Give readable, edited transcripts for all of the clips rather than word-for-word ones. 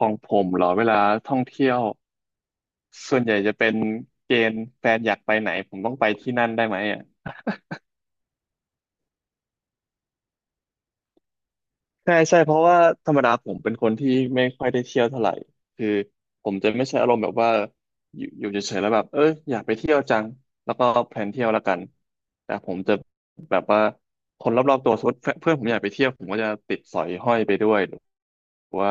ของผมเหรอเวลาท่องเที่ยวส่วนใหญ่จะเป็นเกณฑ์แฟนอยากไปไหนผมต้องไปที่นั่นได้ไหมอ่ะใช่ใช่เพราะว่าธรรมดาผมเป็นคนที่ไม่ค่อยได้เที่ยวเท่าไหร่คือผมจะไม่ใช่อารมณ์แบบว่าอยู่เฉยๆแล้วแบบเอ้ยอยากไปเที่ยวจังแล้วก็แพลนเที่ยวแล้วกันแต่ผมจะแบบว่าคนรอบๆตัวสมมติเพื่อนผมอยากไปเที่ยวผมก็จะติดสอยห้อยไปด้วย ว่า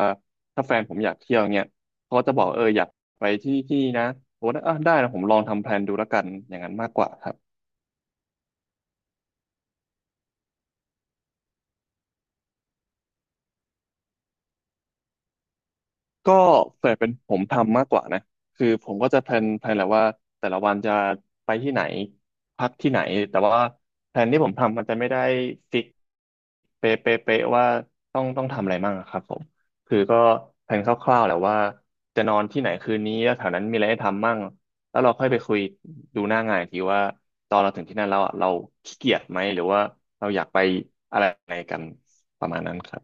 ถ้าแฟนผมอยากเที่ยวเงี้ยเขาก็จะบอกเอออยากไปที่ที่นะผมว่าเออได้นะผมลองทำแพลนดูแล้วกันอย่างนั้นมากกว่าครับ ก็เปิดเป็นผมทำมากกว่านะคือผมก็จะแพลนแหละว่าแต่ละวันจะไปที่ไหนพักที่ไหนแต่ว่าแพลนที่ผมทำมันจะไม่ได้ฟิกเป๊ะเป๊ะเป๊ะว่าต้องทำอะไรบ้างอะครับผมคือก็แพลนคร่าวๆแหละว่าจะนอนที่ไหนคืนนี้แล้วแถวนั้นมีอะไรให้ทำมั่งแล้วเราค่อยไปคุยดูหน้างานอีกทีว่าตอนเราถึงที่นั่นแล้วอะเราขี้เกียจไหมหรือว่าเราอยากไปอะไรไหนกันประมาณนั้นครับ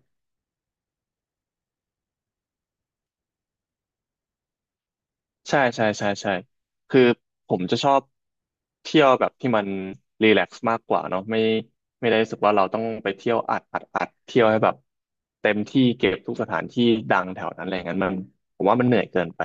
ใช่ใช่ใช่ใช่คือผมจะชอบเที่ยวแบบที่มันรีแลกซ์มากกว่าเนาะไม่ไม่ได้รู้สึกว่าเราต้องไปเที่ยวอัดอัดอัดเที่ยวให้แบบเต็มที่เก็บทุกสถานที่ดังแถวนั้นอะไรอย่างนั้นมันผมว่ามันเหนื่อยเกินไป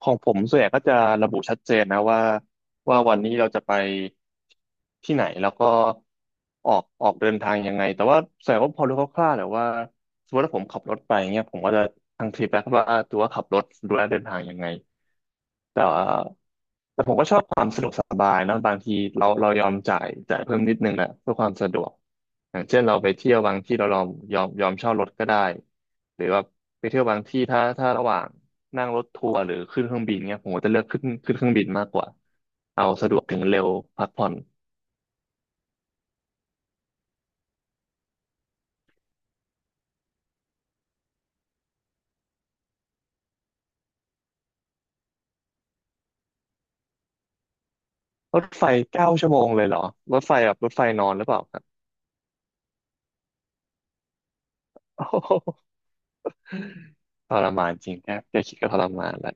ของผมส่วนใหญ่ก็จะระบุชัดเจนนะว่าว่าวันนี้เราจะไปที่ไหนแล้วก็ออกเดินทางยังไงแต่ว่าส่วนใหญ่ก็พอรู้คร่าวๆแหละว่าสมมติว่าผมขับรถไปเงี้ยผมก็จะทางทริปแล้วว่าตัวว่าขับรถดูแลเดินทางยังไงแต่ว่าแต่ผมก็ชอบความสะดวกสบายนะบางทีเรายอมจ่ายเพิ่มนิดนึงแหละเพื่อความสะดวกอย่างเช่นเราไปเที่ยวบางที่เรายอมเช่ารถก็ได้หรือว่าไปเที่ยวบางที่ถ้าระหว่าง นั่งรถทัวร์หรือขึ้นเครื่องบินเงี้ยผมก็จะเลือกขึ้นเครื่องบินมากกว่าเอาสะดวกถึงเร็วพักผ่อนรถไฟ9 ชั่วโมงเลยเหรอรถไฟแบบรถไฟนอนหรือเปล่าครับโอ้โห ทรมานจริงนะแค่คิดก็ทรมานแล้ว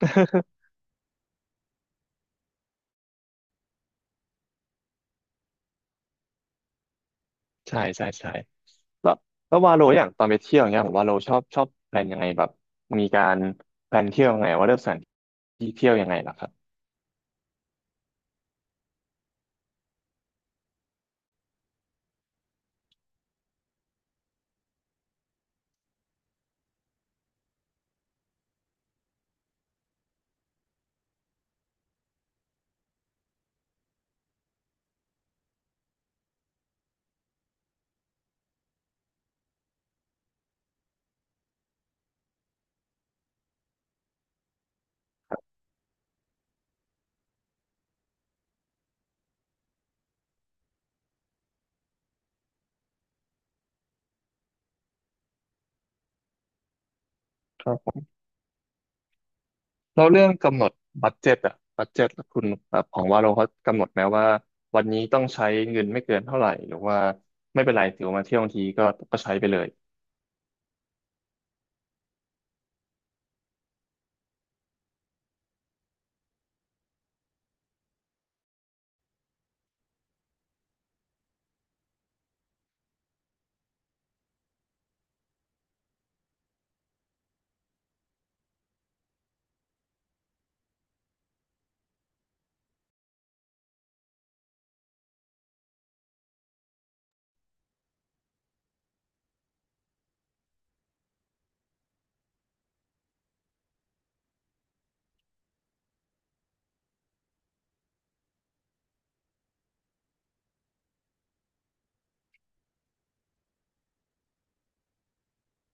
ใช่ใช่ใช่แล้วแล้ววาโลอย่างตอนไปเที่ยวเงี้ยผมว่าโลชอบแพลนยังไงแบบมีการแพลนเที่ยวยังไงว่าเลือกสถานที่เที่ยวยังไงล่ะครับ แล้วเรื่องกำหนดบัดเจ็ตอะบัดเจ็ตคุณแบบของว่าเราเขากำหนดไหมว่าวันนี้ต้องใช้เงินไม่เกินเท่าไหร่หรือว่าไม่เป็นไรถือว่ามาเที่ยวทั้งทีก็ใช้ไปเลย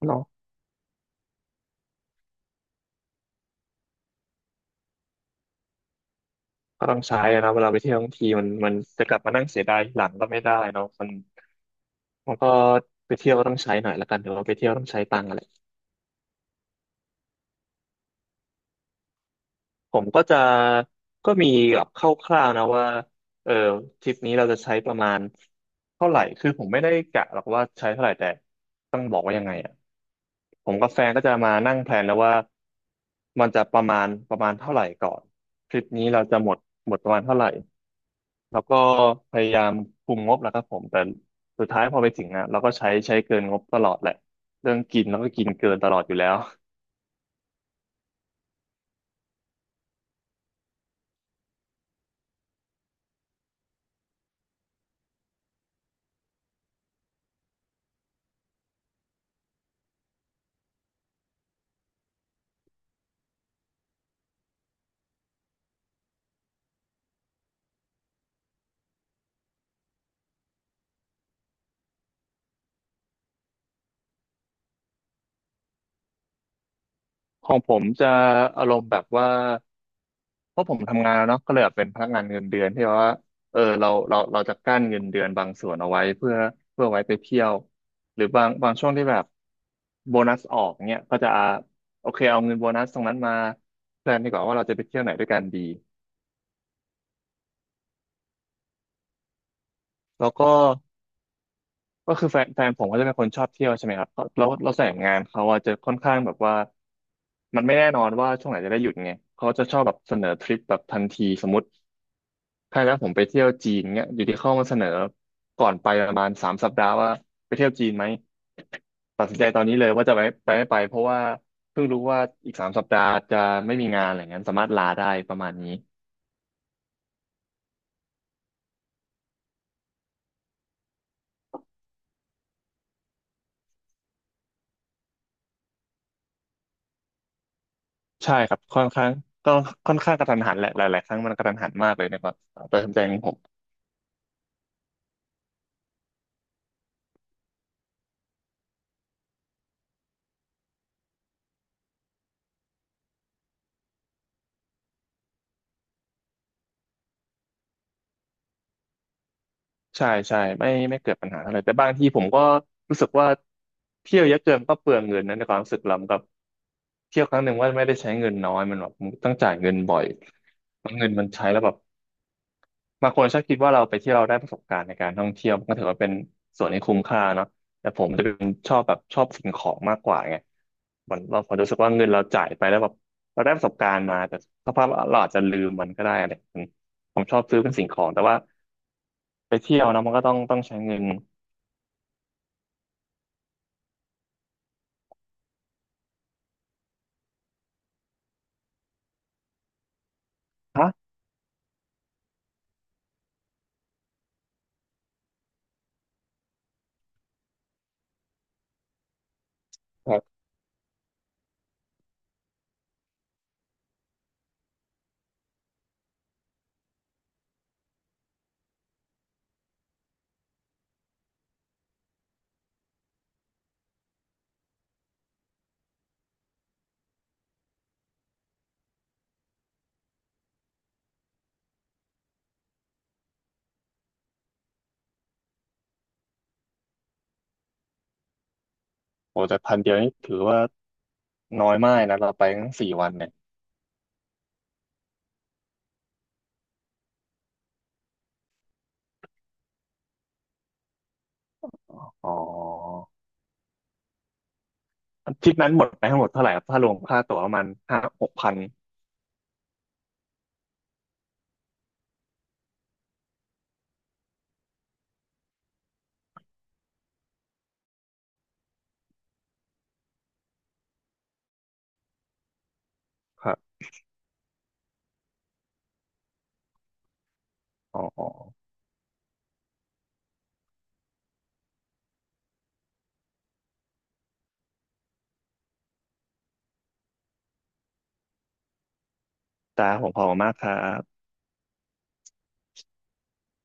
เนาะก็ต้องใช้อะนะเวลาไปเที่ยวทั้งทีมันจะกลับมานั่งเสียดายหลังก็ไม่ได้เนาะมันก็ไปเที่ยวก็ต้องใช้หน่อยละกันหือว่าไปเที่ยวต้องใช้ตังค์อะไรผมก็จะก็มีแบบคร่าวๆนะว่าเออทริปนี้เราจะใช้ประมาณเท่าไหร่คือผมไม่ได้กะหรอกว่าใช้เท่าไหร่แต่ต้องบอกว่ายังไงอะ ผมกับแฟนก็จะมานั่งแพลนแล้วว่ามันจะประมาณเท่าไหร่ก่อนทริปนี้เราจะหมดประมาณเท่าไหร่แล้วก็พยายามคุมงบแหละครับผมแต่สุดท้ายพอไปถึงอ่ะเราก็ใช้เกินงบตลอดแหละเรื่องกินแล้วก็กินเกินตลอดอยู่แล้วของผมจะอารมณ์แบบว่า เพราะผมทำงานแล้วเนาะก็เลยแบบเป็นพนักงานเงินเดือนที่ว่าเออเราจะกั้นเงินเดือนบางส่วนเอาไว้เพื่อไว้ไปเที่ยวหรือบางช่วงที่แบบโบนัสออกเนี่ยก็จะโอเคเอาเงินโบนัสตรงนั้นมาแพลนดีกว่าว่าเราจะไปเที่ยวไหนด้วยกันดีแล้วก็ก็คือแฟนผมก็จะเป็นคนชอบเที่ยวใช่ไหมครับก็แล้วเราแต่งงานเขาอะจะค่อนข้างแบบว่ามันไม่แน่นอนว่าช่วงไหนจะได้หยุดไงเขาจะชอบแบบเสนอทริปแบบทันทีสมมติ ใช่แล้วผมไปเที่ยวจีนเนี่ยอยู่ที่เข้ามาเสนอก่อนไปประมาณสามสัปดาห์ว่าไปเที่ยวจีนไหมตัดสินใจตอนนี้เลยว่าจะไปไม่ไปเพราะว่าเพิ่งรู้ว่าอีกสามสัปดาห์จะไม่มีงานอะไรเงี้ยสามารถลาได้ประมาณนี้ใช่ครับค่อนข้างก็ค่อนข้างกระทันหันแหละหลายๆครั้งมันกระทันหันมากเลยนะครับตัดสินใจของผม ใช่ใช่ไม่เกิดปัญหาเท่าไหร่แต่บางทีผมก็รู้สึกว่าเที่ยวเยอะเกินก็เปลืองเงินนะในความรู้สึกเรากับเที่ยวครั้งหนึ่งว่าไม่ได้ใช้เงินน้อยมันแบบมันต้องจ่ายเงินบ่อยมันเงินมันใช้แล้วแบบบางคนชอบคิดว่าเราไปเที่ยวเราได้ประสบการณ์ในการท่องเที่ยวมันก็ถือว่าเป็นส่วนที่คุ้มค่าเนาะแต่ผมจะเป็นชอบแบบชอบสิ่งของมากกว่าไงมันเราผมรู้สึกว่าเงินเราจ่ายไปแล้วแบบเราได้ประสบการณ์มาแต่สภาพเราอาจจะลืมมันก็ได้อะไรอย่างนี้ผมชอบซื้อเป็นสิ่งของแต่ว่าไปเที่ยวนะมันก็ต้องใช้เงิน ฮะแบบโอ้แต่พันเดียวนี่ถือว่าน้อยมากนะเราไปทั้ง4 วันเนี่ย อ๋อทริปนั้นหมดไปทั้งหมดเท่าไหร่ครับถ้ารวมค่าตั๋วประมาณ5-6 พันครับอ๋อแต่ผมขอบคุณมากครับ